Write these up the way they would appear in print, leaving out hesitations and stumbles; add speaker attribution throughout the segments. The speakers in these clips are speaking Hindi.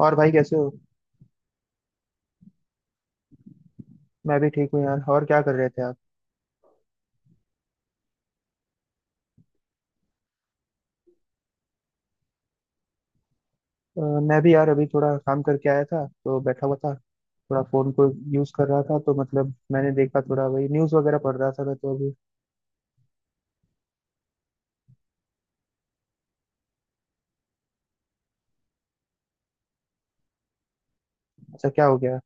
Speaker 1: और भाई कैसे हो। मैं भी ठीक हूँ यार। और क्या कर रहे थे आप। अ, मैं भी यार अभी थोड़ा काम करके आया था तो बैठा हुआ था। थोड़ा फोन को यूज कर रहा था तो मतलब मैंने देखा थोड़ा वही न्यूज वगैरह पढ़ रहा था मैं तो अभी। अच्छा क्या हो गया।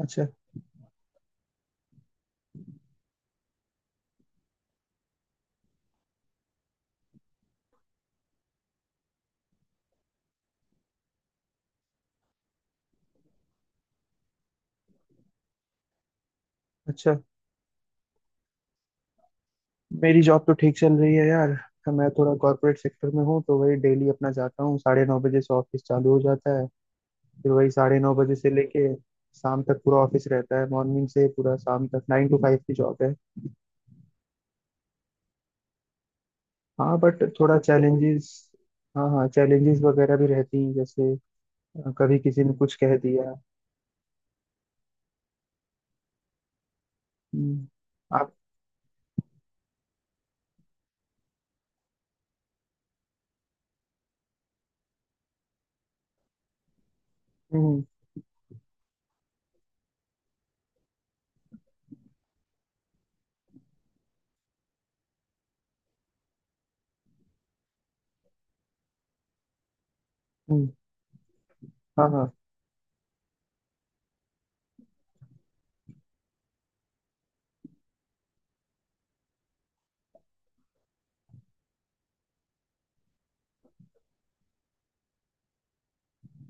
Speaker 1: अच्छा अच्छा। मेरी जॉब तो ठीक चल रही है यार। मैं थोड़ा कॉर्पोरेट सेक्टर में हूँ तो वही डेली अपना जाता हूँ, साढ़े नौ बजे से ऑफिस चालू हो जाता है। फिर वही साढ़े नौ बजे से लेके शाम तक पूरा ऑफिस रहता है, मॉर्निंग से पूरा शाम तक नाइन टू फाइव की जॉब है। हाँ बट थोड़ा चैलेंजेस। हाँ हाँ चैलेंजेस वगैरह भी रहती हैं जैसे कभी किसी ने कुछ कह दिया। हम्म, आप। हम्म हम्म, हाँ हाँ।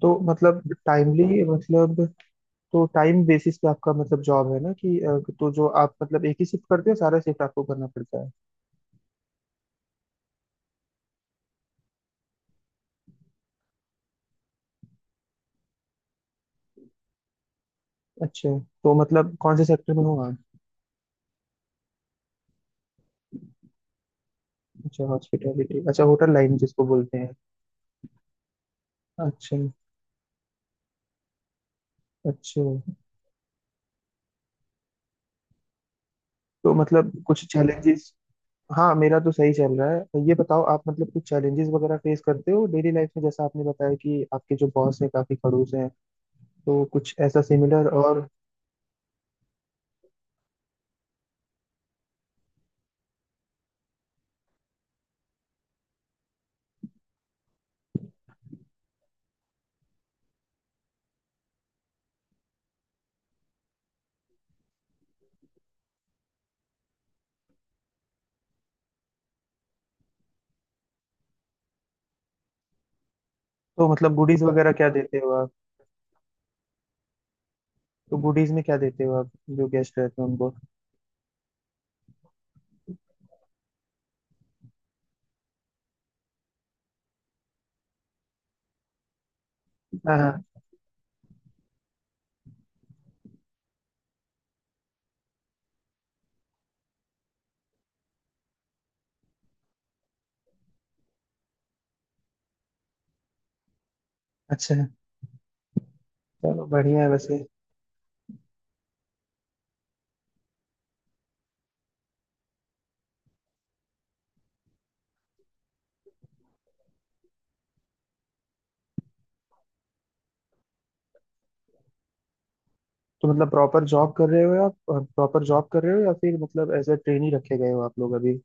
Speaker 1: तो मतलब टाइमली मतलब। तो टाइम बेसिस पे आपका मतलब जॉब है ना कि तो जो आप मतलब एक ही शिफ्ट करते हो सारा शिफ्ट आपको करना पड़ता है। अच्छा। तो मतलब कौन से सेक्टर में हो आप। अच्छा हॉस्पिटैलिटी अच्छा होटल लाइन जिसको बोलते हैं। अच्छा। अच्छा। तो मतलब कुछ चैलेंजेस। हाँ मेरा तो सही चल रहा है तो ये बताओ आप मतलब कुछ चैलेंजेस वगैरह फेस करते हो डेली लाइफ में, जैसा आपने बताया कि आपके जो बॉस हैं काफी खड़ूस हैं। तो कुछ ऐसा सिमिलर और। तो मतलब गुडीज वगैरह क्या देते हो आप। तो गुडीज में क्या देते हो आप, जो गेस्ट रहते हो उनको। हाँ हाँ, अच्छा। चलो बढ़िया है वैसे। तो मतलब प्रॉपर जॉब कर रहे हो आप, प्रॉपर जॉब कर रहे हो या फिर मतलब एज अ ट्रेनी रखे गए हो आप लोग अभी।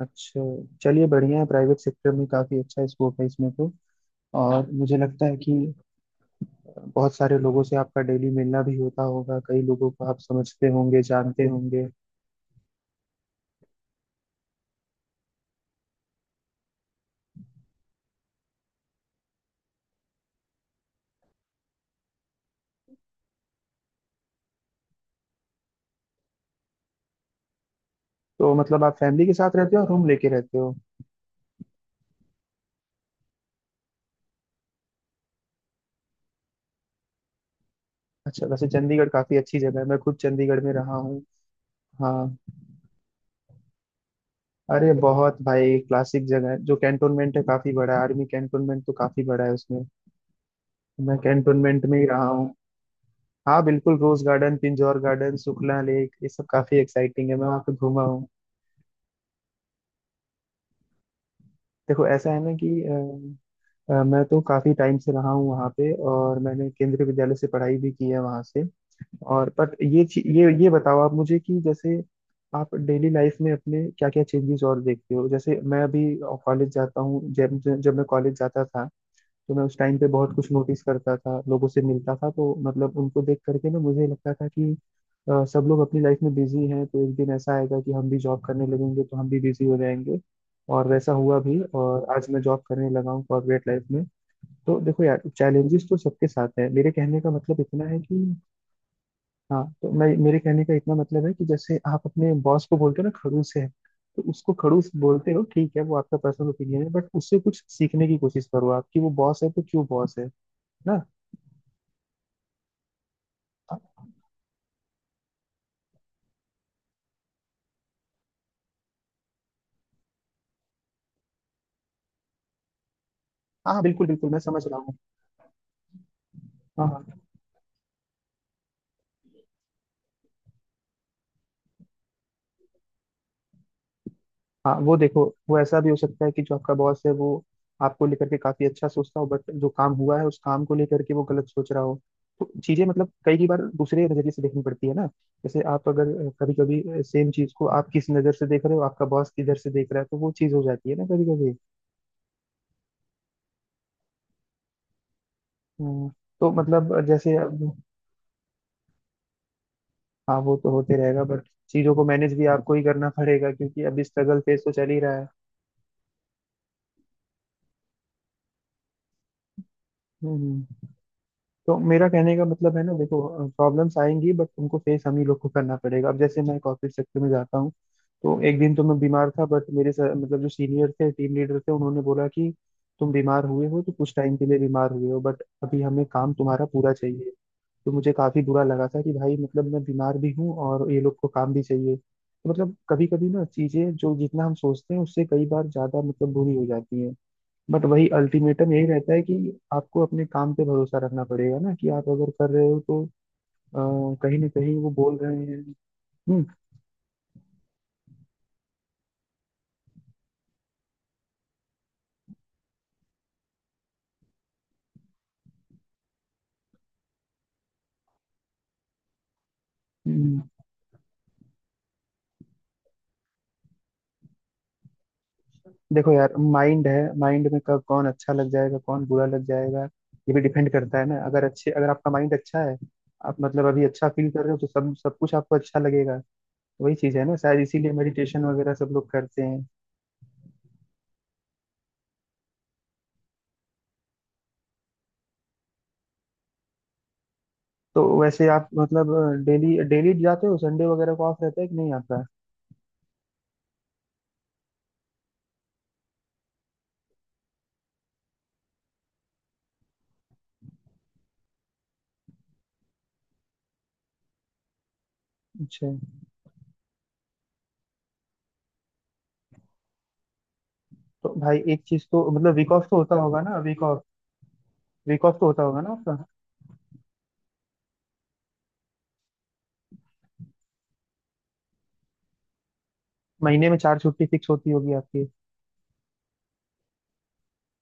Speaker 1: अच्छा। चलिए बढ़िया है, प्राइवेट सेक्टर में काफी अच्छा स्कोप है इसमें तो। और मुझे लगता है कि बहुत सारे लोगों से आपका डेली मिलना भी होता होगा, कई लोगों को आप समझते होंगे जानते होंगे। तो मतलब आप फैमिली के साथ रहते हो और रूम लेके रहते हो। अच्छा वैसे चंडीगढ़ काफी अच्छी जगह है, मैं खुद चंडीगढ़ में रहा हूँ। हाँ। अरे बहुत भाई क्लासिक जगह है, जो कैंटोनमेंट है काफी बड़ा है, आर्मी कैंटोनमेंट तो काफी बड़ा है उसमें। मैं कैंटोनमेंट में ही रहा हूँ। हाँ बिल्कुल, rose garden, Pinjore garden, Sukhna lake, ये सब काफी एक्साइटिंग है, मैं वहाँ पे घूमा हूँ। देखो ऐसा है ना कि मैं तो काफ़ी टाइम से रहा हूँ वहाँ पे, और मैंने केंद्रीय विद्यालय से पढ़ाई भी की है वहाँ से। और बट ये ची- ये बताओ आप मुझे कि जैसे आप डेली लाइफ में अपने क्या क्या चेंजेस और देखते हो। जैसे मैं अभी कॉलेज जाता हूँ, जब जब मैं कॉलेज जाता था तो मैं उस टाइम पे बहुत कुछ नोटिस करता था, लोगों से मिलता था, तो मतलब उनको देख करके ना मुझे लगता था कि सब लोग अपनी लाइफ में बिजी हैं, तो एक दिन ऐसा आएगा कि हम भी जॉब करने लगेंगे तो हम भी बिजी हो जाएंगे। और वैसा हुआ भी, और आज मैं जॉब करने लगा हूँ कॉर्पोरेट लाइफ में। तो देखो यार चैलेंजेस तो सबके साथ है, मेरे कहने का मतलब इतना है कि। हाँ तो मैं, मेरे कहने का इतना मतलब है कि जैसे आप अपने बॉस को बोलते हो ना खड़ूस है, तो उसको खड़ूस बोलते हो ठीक है, वो आपका पर्सनल ओपिनियन है बट उससे कुछ सीखने की कोशिश करो आप कि वो बॉस है तो क्यों बॉस है ना। हाँ हाँ बिल्कुल बिल्कुल मैं समझ रहा हूँ। हाँ हाँ। हाँ वो देखो, वो ऐसा भी हो सकता है कि जो आपका बॉस है वो आपको लेकर के काफी अच्छा सोचता हो बट जो काम हुआ है उस काम को लेकर के वो गलत सोच रहा हो। तो चीजें मतलब कई कई बार दूसरे नजरिए से देखनी पड़ती है ना। जैसे आप अगर कभी कभी सेम चीज को आप किस नजर से देख रहे हो, आपका बॉस किधर से देख रहा है, तो वो चीज हो जाती है ना कभी कभी। हम्म, तो मतलब जैसे अब। हाँ वो तो होते रहेगा बट चीजों को मैनेज भी आपको ही करना पड़ेगा, क्योंकि अभी स्ट्रगल फेज तो चल ही रहा है। हम्म हम्म। तो मेरा कहने का मतलब है ना देखो, प्रॉब्लम्स आएंगी बट तुमको फेस हम ही लोग को करना पड़ेगा। अब जैसे मैं कॉर्पोरेट सेक्टर में जाता हूँ, तो एक दिन तो मैं बीमार था बट मतलब जो सीनियर थे टीम लीडर थे उन्होंने बोला कि तुम बीमार हुए हो तो कुछ टाइम के लिए बीमार हुए हो बट अभी हमें काम तुम्हारा पूरा चाहिए। तो मुझे काफी बुरा लगा था कि भाई मतलब मैं बीमार भी हूँ और ये लोग को काम भी चाहिए, तो मतलब कभी कभी ना चीजें जो जितना हम सोचते हैं उससे कई बार ज्यादा मतलब बुरी हो जाती है। बट वही अल्टीमेटम यही रहता है कि आपको अपने काम पे भरोसा रखना पड़ेगा ना, कि आप अगर कर रहे हो तो अ, कहीं ना कहीं वो बोल रहे हैं। हम्म हम्म। देखो यार माइंड है, माइंड में कब कौन अच्छा लग जाएगा कौन बुरा लग जाएगा ये भी डिपेंड करता है ना। अगर अच्छे, अगर आपका माइंड अच्छा है, आप मतलब अभी अच्छा फील कर रहे हो तो सब सब कुछ आपको अच्छा लगेगा। तो वही चीज है ना, शायद इसीलिए मेडिटेशन वगैरह सब लोग करते हैं। तो वैसे आप मतलब डेली डेली जाते हो, संडे वगैरह को ऑफ रहता है कि नहीं आता। अच्छा। तो भाई एक चीज तो मतलब वीक ऑफ तो होता होगा ना वीक ऑफ। वीक ऑफ तो होता होगा ना आपका। महीने में चार छुट्टी फिक्स होती होगी आपकी।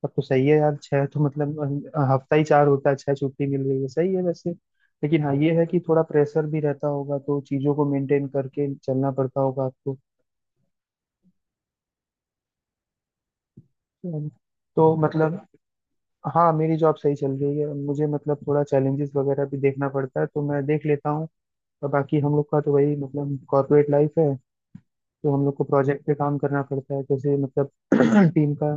Speaker 1: तब तो सही है यार, छह तो मतलब हफ्ता ही चार होता है, छह छुट्टी मिल रही है, सही है वैसे। लेकिन हाँ ये है कि थोड़ा प्रेशर भी रहता होगा तो चीजों को मेंटेन करके चलना पड़ता होगा आपको। तो मतलब। हाँ मेरी जॉब सही चल रही है, मुझे मतलब थोड़ा चैलेंजेस वगैरह भी देखना पड़ता है तो मैं देख लेता हूँ। और बाकी हम लोग का तो वही मतलब कॉर्पोरेट लाइफ है। तो हम लोग को प्रोजेक्ट पे काम करना पड़ता है, जैसे मतलब टीम का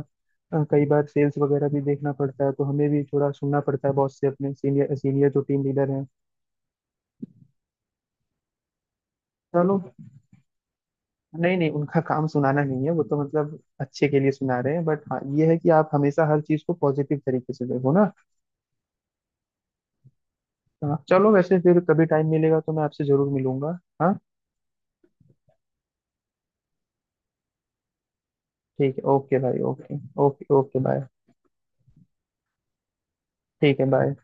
Speaker 1: कई बार सेल्स वगैरह भी देखना पड़ता है, तो हमें भी थोड़ा सुनना पड़ता है बॉस से, अपने सीनियर, सीनियर जो टीम लीडर हैं। चलो। नहीं नहीं, उनका काम सुनाना नहीं है, वो तो मतलब अच्छे के लिए सुना रहे हैं, बट हाँ ये है कि आप हमेशा हर चीज को पॉजिटिव तरीके से देखो ना। हाँ, चलो वैसे फिर कभी टाइम मिलेगा तो मैं आपसे जरूर मिलूंगा, हाँ। ठीक है ओके भाई ओके। Okay okay bye. ठीक है बाय।